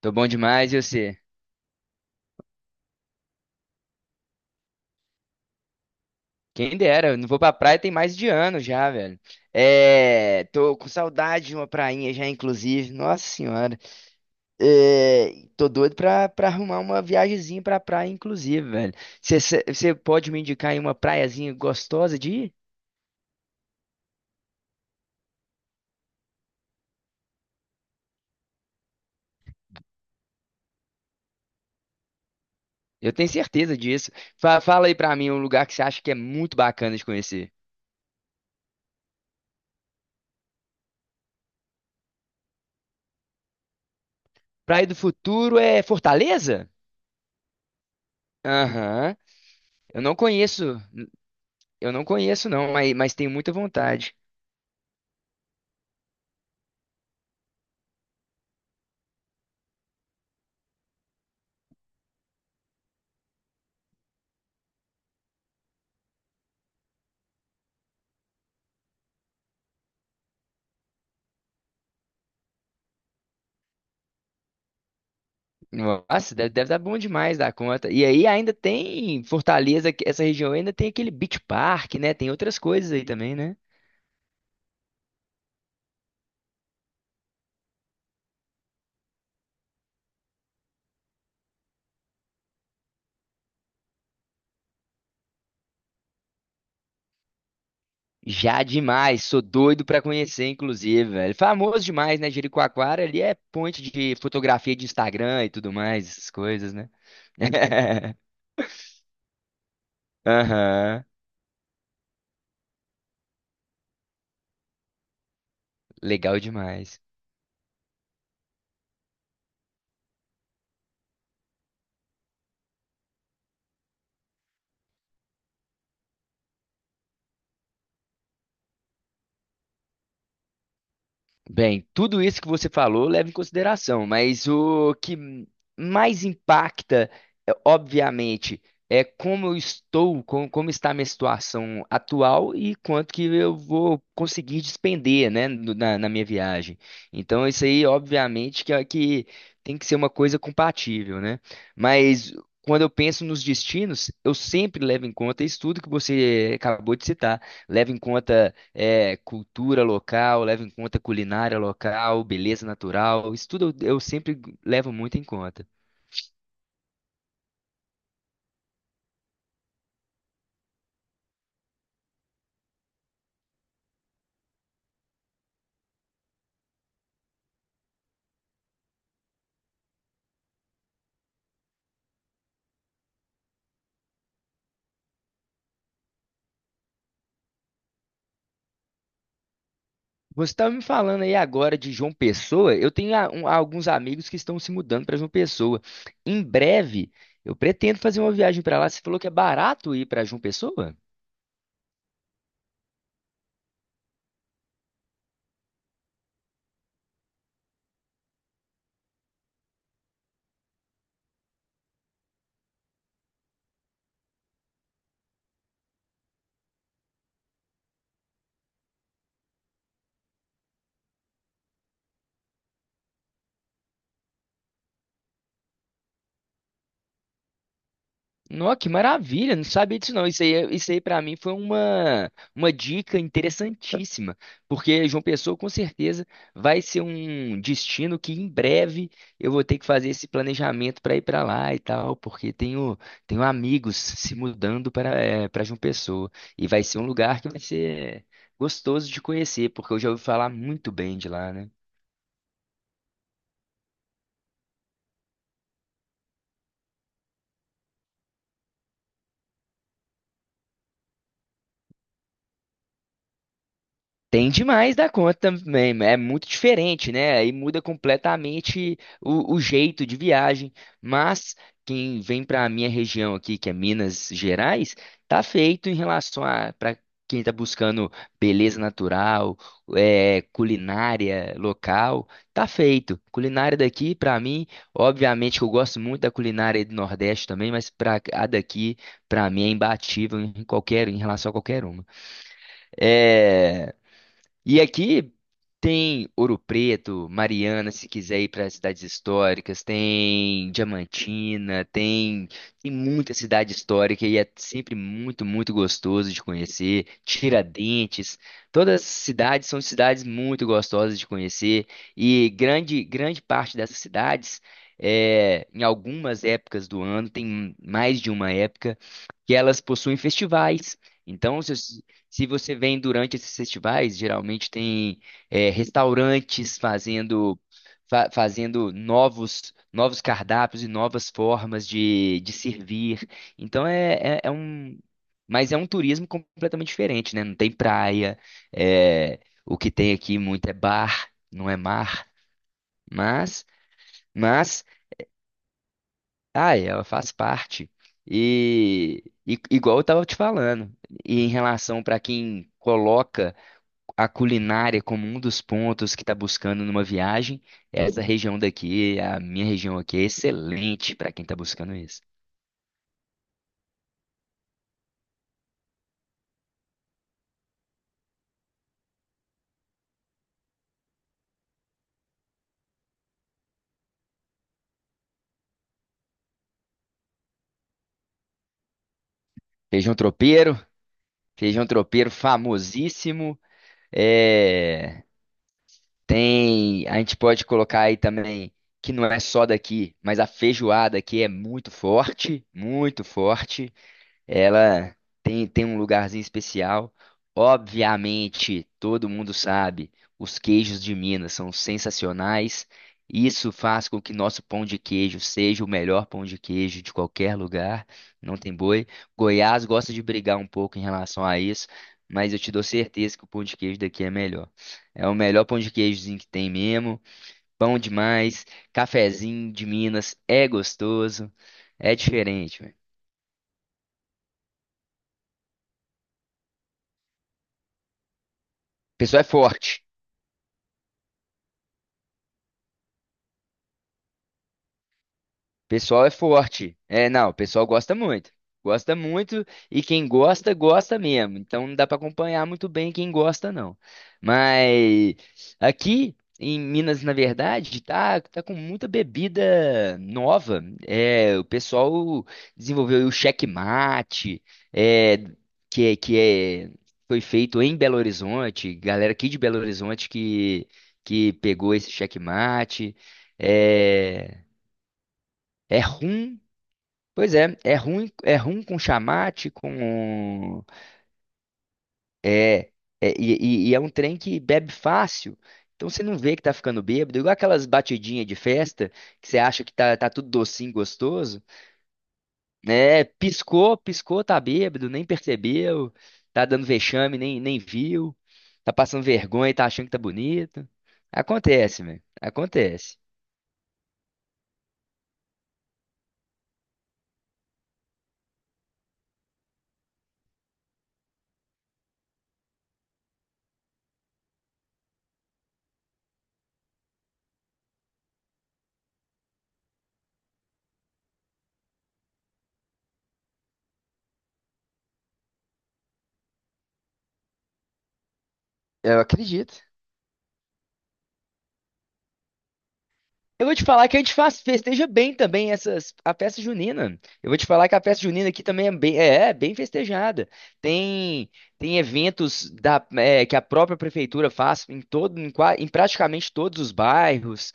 Tô bom demais, e você? Quem dera, eu não vou pra praia tem mais de ano já, velho. É, tô com saudade de uma prainha já, inclusive. Nossa senhora. É, tô doido pra arrumar uma viagemzinha pra praia, inclusive, velho. Você pode me indicar aí uma praiazinha gostosa de ir? Eu tenho certeza disso. Fa- Fala aí pra mim um lugar que você acha que é muito bacana de conhecer. Praia do Futuro é Fortaleza? Aham. Eu não conheço, eu não conheço não, mas tenho muita vontade. Nossa, deve, deve dar bom demais da conta. E aí ainda tem Fortaleza, essa região ainda tem aquele Beach Park, né? Tem outras coisas aí também, né? Já demais, sou doido pra conhecer, inclusive, velho. Famoso demais, né? Jericoacoara ali é ponte de fotografia de Instagram e tudo mais, essas coisas, né? Aham, legal demais. Bem, tudo isso que você falou leva em consideração, mas o que mais impacta, obviamente, é como eu estou, como está a minha situação atual e quanto que eu vou conseguir despender, né, na minha viagem. Então, isso aí, obviamente, que tem que ser uma coisa compatível, né? Mas quando eu penso nos destinos, eu sempre levo em conta isso tudo que você acabou de citar. Levo em conta cultura local, leva em conta culinária local, beleza natural, isso tudo eu sempre levo muito em conta. Você estava me falando aí agora de João Pessoa, eu tenho alguns amigos que estão se mudando para João Pessoa. Em breve, eu pretendo fazer uma viagem para lá. Você falou que é barato ir para João Pessoa? Nossa, que maravilha, não sabia disso não. Isso aí, isso aí para mim foi uma dica interessantíssima, porque João Pessoa com certeza vai ser um destino que em breve eu vou ter que fazer esse planejamento para ir para lá e tal, porque tenho, tenho amigos se mudando para para João Pessoa e vai ser um lugar que vai ser gostoso de conhecer, porque eu já ouvi falar muito bem de lá, né? Tem demais da conta também, é muito diferente, né? Aí muda completamente o jeito de viagem. Mas quem vem para a minha região aqui, que é Minas Gerais, tá feito em relação a para quem está buscando beleza natural, culinária local, tá feito. Culinária daqui, para mim, obviamente que eu gosto muito da culinária do Nordeste também, mas para a daqui, para mim é imbatível em qualquer, em relação a qualquer uma. É, e aqui tem Ouro Preto, Mariana, se quiser ir para as cidades históricas, tem Diamantina, tem, tem muita cidade histórica e é sempre muito gostoso de conhecer. Tiradentes, todas as cidades são cidades muito gostosas de conhecer e grande parte dessas cidades, em algumas épocas do ano, tem mais de uma época, que elas possuem festivais. Então, se você vem durante esses festivais, geralmente tem restaurantes fazendo, fazendo novos cardápios e novas formas de servir. Então é, é um. Mas é um turismo completamente diferente, né? Não tem praia, é, o que tem aqui muito é bar, não é mar. Mas, mas, ai, ela faz parte. E igual eu estava te falando, e em relação para quem coloca a culinária como um dos pontos que está buscando numa viagem, essa região daqui, a minha região aqui, é excelente para quem está buscando isso. Feijão tropeiro, feijão tropeiro famosíssimo. É, tem, a gente pode colocar aí também que não é só daqui, mas a feijoada aqui é muito forte, muito forte. Ela tem um lugarzinho especial. Obviamente, todo mundo sabe, os queijos de Minas são sensacionais. Isso faz com que nosso pão de queijo seja o melhor pão de queijo de qualquer lugar. Não tem boi. Goiás gosta de brigar um pouco em relação a isso, mas eu te dou certeza que o pão de queijo daqui é melhor. É o melhor pão de queijozinho que tem mesmo. Pão demais. Cafezinho de Minas é gostoso. É diferente, velho. O pessoal é forte. Pessoal é forte. É, não, o pessoal gosta muito. Gosta muito e quem gosta, gosta mesmo. Então não dá para acompanhar muito bem quem gosta, não. Mas aqui em Minas, na verdade, tá com muita bebida nova. É, o pessoal desenvolveu aí o checkmate, é, que, é- que é, foi feito em Belo Horizonte. Galera aqui de Belo Horizonte que pegou esse checkmate. É, é rum. Pois é, é ruim com chamate, com é, é- e, é um trem que bebe fácil. Então você não vê que tá ficando bêbado, igual aquelas batidinhas de festa que você acha que tá tudo docinho, gostoso, né? Piscou, piscou, tá bêbado, nem percebeu, tá dando vexame, nem viu, tá passando vergonha e tá achando que tá bonito. Acontece, velho, acontece. Eu acredito. Eu vou te falar que a gente faz, festeja bem também essas, a festa junina. Eu vou te falar que a festa junina aqui também é é bem festejada. Tem, tem eventos que a própria prefeitura faz em em praticamente todos os bairros.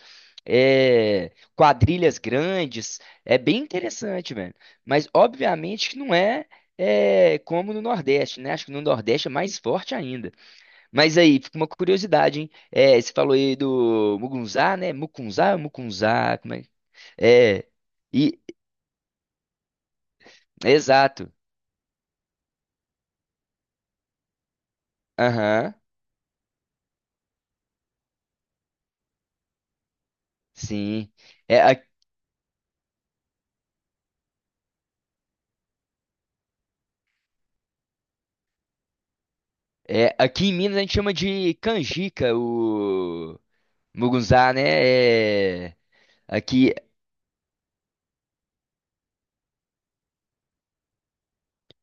É, quadrilhas grandes. É bem interessante, velho. Mas obviamente que não é, é como no Nordeste, né? Acho que no Nordeste é mais forte ainda. Mas aí, fica uma curiosidade, hein? É, você falou aí do Mugunzá, né? Mukunzá, como é? É, e, exato. Aham, sim. É, a- aqui em Minas a gente chama de canjica o Mugunzá, né? Aqui,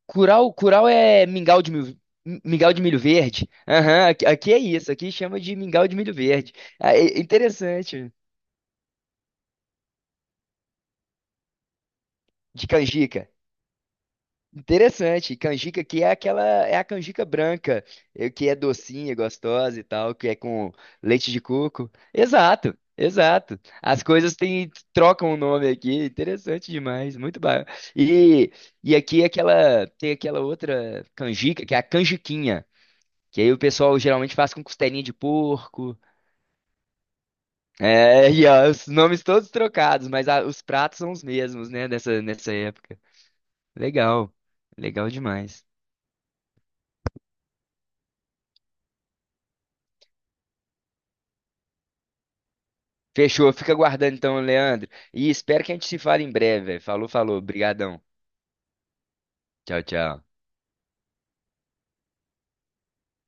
curau é mingau de milho verde. Aham, aqui é isso, aqui chama de mingau de milho verde. É interessante, de canjica. Interessante, canjica que é aquela, é a canjica branca, que é docinha, gostosa e tal, que é com leite de coco. Exato, exato. As coisas têm, trocam o nome aqui, interessante demais, muito bom. E, e aqui é aquela, tem aquela outra canjica, que é a canjiquinha, que aí o pessoal geralmente faz com costelinha de porco. É, e ó, os nomes todos trocados, mas os pratos são os mesmos, né, nessa época. Legal, legal demais. Fechou, fica aguardando então, Leandro. E espero que a gente se fale em breve, velho. Falou, falou. Brigadão. Tchau, tchau.